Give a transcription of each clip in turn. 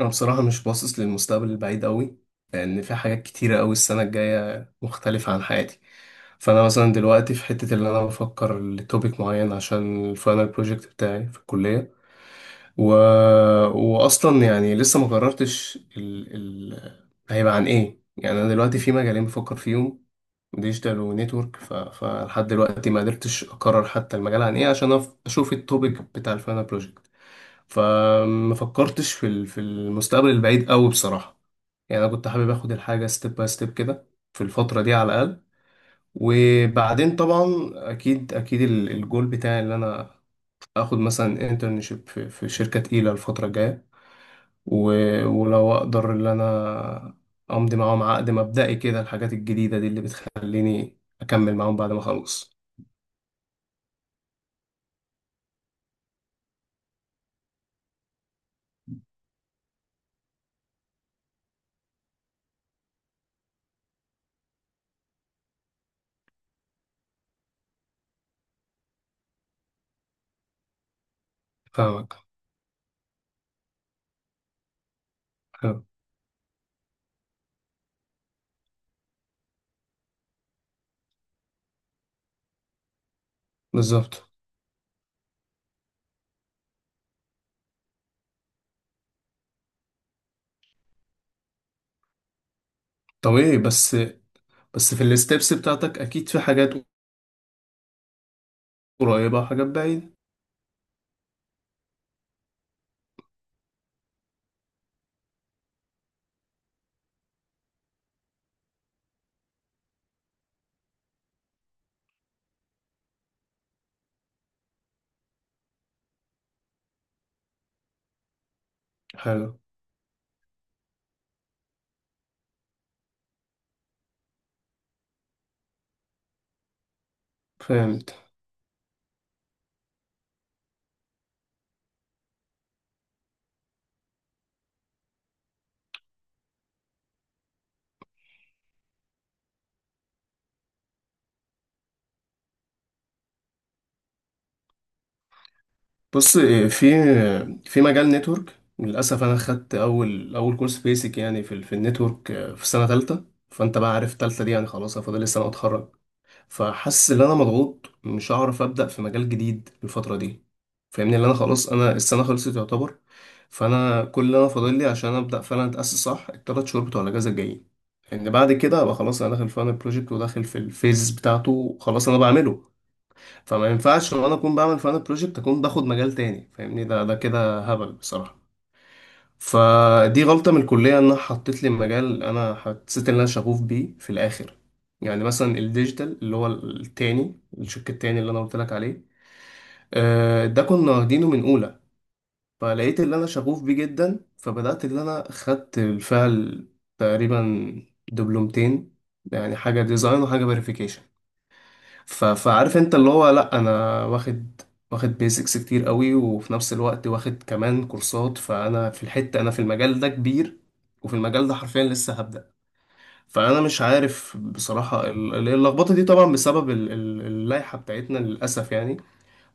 أنا بصراحة مش باصص للمستقبل البعيد أوي، لأن في حاجات كتيرة أوي. السنة الجاية مختلفة عن حياتي. فأنا مثلا دلوقتي في حتة اللي أنا بفكر لتوبيك معين عشان الفاينل بروجكت بتاعي في الكلية. و... وأصلا يعني لسه ما قررتش هيبقى عن إيه. يعني أنا دلوقتي في مجالين بفكر فيهم، ديجيتال ونتورك. فلحد دلوقتي ما قدرتش أقرر حتى المجال عن إيه عشان أشوف التوبيك بتاع الفاينل بروجكت. فما فكرتش في المستقبل البعيد قوي بصراحة. يعني انا كنت حابب اخد الحاجة ستيب باي ستيب كده في الفترة دي على الاقل. وبعدين طبعا، اكيد اكيد الجول بتاعي ان انا اخد مثلا انترنشيب في شركة تقيلة الفترة الجاية. ولو اقدر ان انا امضي معاهم عقد مبدئي كده، الحاجات الجديدة دي اللي بتخليني اكمل معاهم بعد ما اخلص. فاهمك. حلو. بالظبط. طب ايه بس؟ بس في الستبس بتاعتك اكيد في حاجات قريبة وحاجات بعيدة. حلو. فهمت. بص إيه، في مجال نتورك للأسف أنا خدت أول أول كورس بيسك يعني في النتورك آه، في سنة تالتة. فأنت بقى عارف تالتة دي يعني خلاص أنا فاضل لي سنة وأتخرج. فحاسس إن أنا مضغوط مش هعرف أبدأ في مجال جديد الفترة دي. فاهمني، اللي أنا خلاص أنا السنة خلصت يعتبر. فأنا كل اللي أنا فاضل لي عشان أبدأ فعلا أتأسس صح التلات شهور بتوع الأجازة الجايين. لأن بعد كده أبقى خلاص، أنا داخل في البروجكت وداخل في الفيز بتاعته، خلاص أنا بعمله. فما ينفعش وانا اكون بعمل فانا بروجكت اكون باخد مجال تاني. فاهمني، ده كده هبل بصراحه. فدي غلطه من الكليه انها حطت لي مجال انا حسيت ان انا شغوف بيه في الاخر. يعني مثلا الديجيتال اللي هو التاني، الشق التاني اللي انا قلت لك عليه، آه، ده كنا واخدينه من اولى. فلقيت اللي انا شغوف بيه جدا، فبدات اللي انا خدت بالفعل تقريبا دبلومتين، يعني حاجه ديزاين وحاجه فيريفيكيشن. فعارف انت اللي هو لا انا واخد بيزكس كتير قوي، وفي نفس الوقت واخد كمان كورسات. فانا في الحتة انا في المجال ده كبير، وفي المجال ده حرفيا لسه هبدأ. فانا مش عارف بصراحة اللخبطة دي طبعا بسبب اللائحة بتاعتنا للأسف يعني.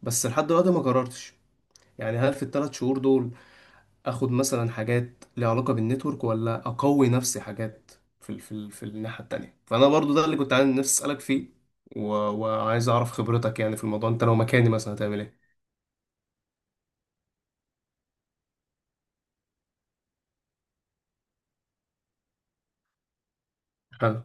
بس لحد دلوقتي ما قررتش، يعني هل في الثلاث شهور دول اخد مثلا حاجات ليها علاقه بالنتورك، ولا اقوي نفسي حاجات في الناحيه التانية. فانا برضو ده اللي كنت عايز نفسي اسالك فيه. وعايز اعرف خبرتك يعني في الموضوع، انت لو مكاني مثلا هتعمل ايه؟ حلو.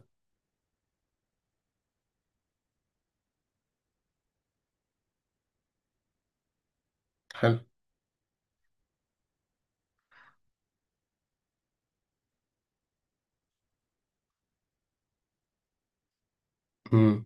حلو. امم.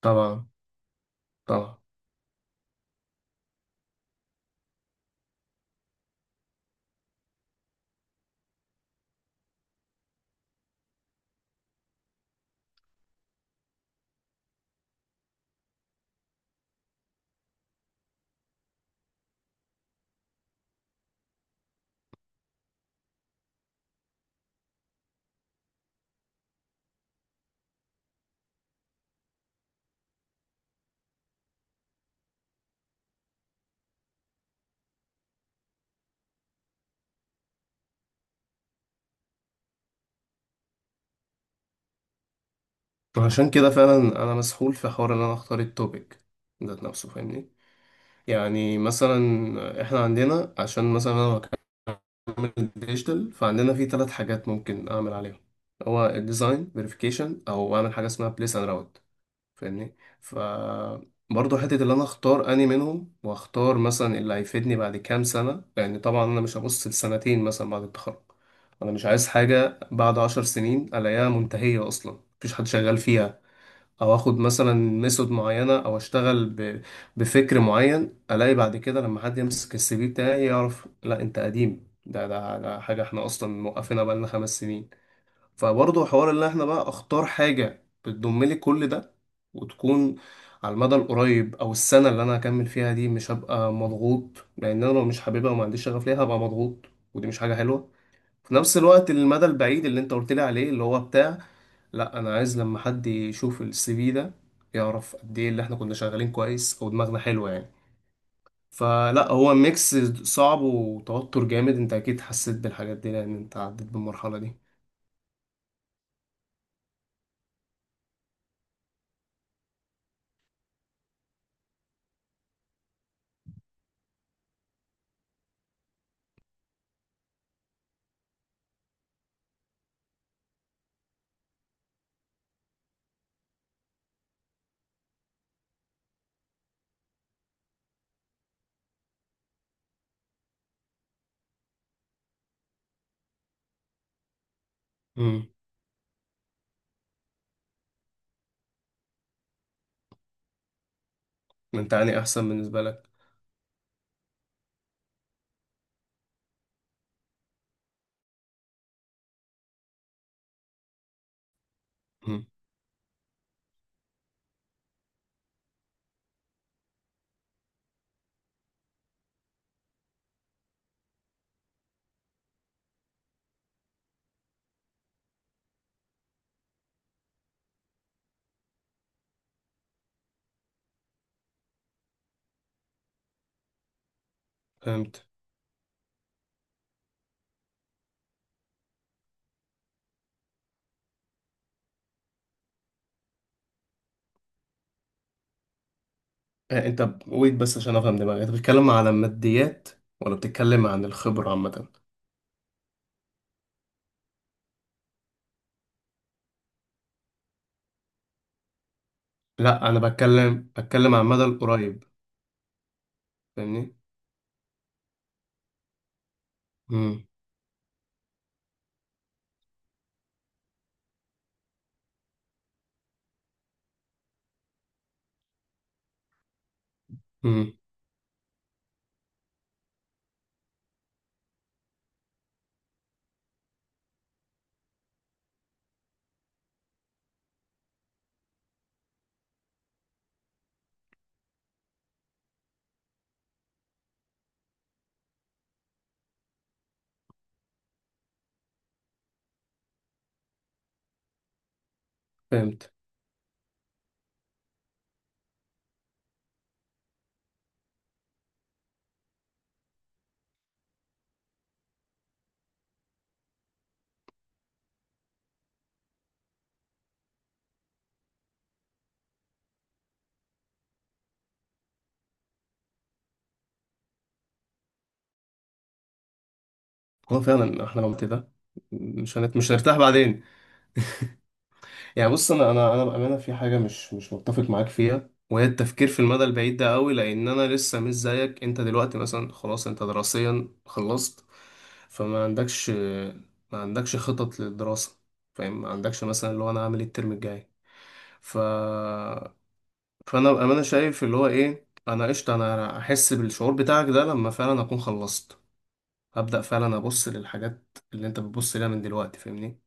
طبعا. طبعا. عشان كده فعلا، انا مسحول في حوار ان انا اختار التوبيك ذات نفسه، فاهمني. يعني مثلا احنا عندنا، عشان مثلا انا هكمل الديجيتال فعندنا في ثلاث حاجات ممكن اعمل عليهم، هو الديزاين فيريفيكيشن او اعمل حاجه اسمها بليس اند راوت. فاهمني. برضه حتة اللي أنا أختار أني منهم، وأختار مثلا اللي هيفيدني بعد كام سنة. لأن طبعا أنا مش هبص لسنتين مثلا بعد التخرج. أنا مش عايز حاجة بعد 10 سنين ألاقيها منتهية أصلا مفيش حد شغال فيها. أو آخد مثلا ميثود معينة أو أشتغل بفكر معين، ألاقي بعد كده لما حد يمسك السي في بتاعي يعرف لا أنت قديم، ده حاجة إحنا أصلا موقفينها بقالنا 5 سنين. فبرضه حوار ان احنا بقى اختار حاجة بتضم لي كل ده، وتكون على المدى القريب. او السنة اللي انا هكمل فيها دي مش هبقى مضغوط، لان انا لو مش حاببها وما عنديش شغف ليها هبقى مضغوط، ودي مش حاجة حلوة. في نفس الوقت المدى البعيد اللي انت قلت لي عليه اللي هو بتاع، لا انا عايز لما حد يشوف السي في ده يعرف قد ايه اللي احنا كنا شغالين كويس او دماغنا حلوة يعني. فلا هو ميكس. صعب وتوتر جامد، انت اكيد حسيت بالحاجات دي لان انت عديت بالمرحلة دي. انت يعني احسن بالنسبه لك. مم. فهمت. آه، انت ويت بس عشان افهم دماغي، انت بتتكلم على الماديات ولا بتتكلم عن الخبره عامه؟ لا انا بتكلم عن المدى القريب، فاهمني. امم. امم. فهمت. هو فعلا احنا لو قلت ده، مش هنرتاح بعدين. يعني بص، انا بامانه في حاجه مش متفق معاك فيها، وهي التفكير في المدى البعيد ده قوي. لان انا لسه مش زيك، انت دلوقتي مثلا خلاص انت دراسيا خلصت. فما عندكش ما عندكش خطط للدراسه، فاهم، ما عندكش مثلا اللي هو انا هعمل إيه الترم الجاي. ف فانا بامانه شايف اللي هو ايه انا قشطه، انا احس بالشعور بتاعك ده لما فعلا اكون خلصت، هبدا فعلا ابص للحاجات اللي انت بتبص لها من دلوقتي، فاهمني.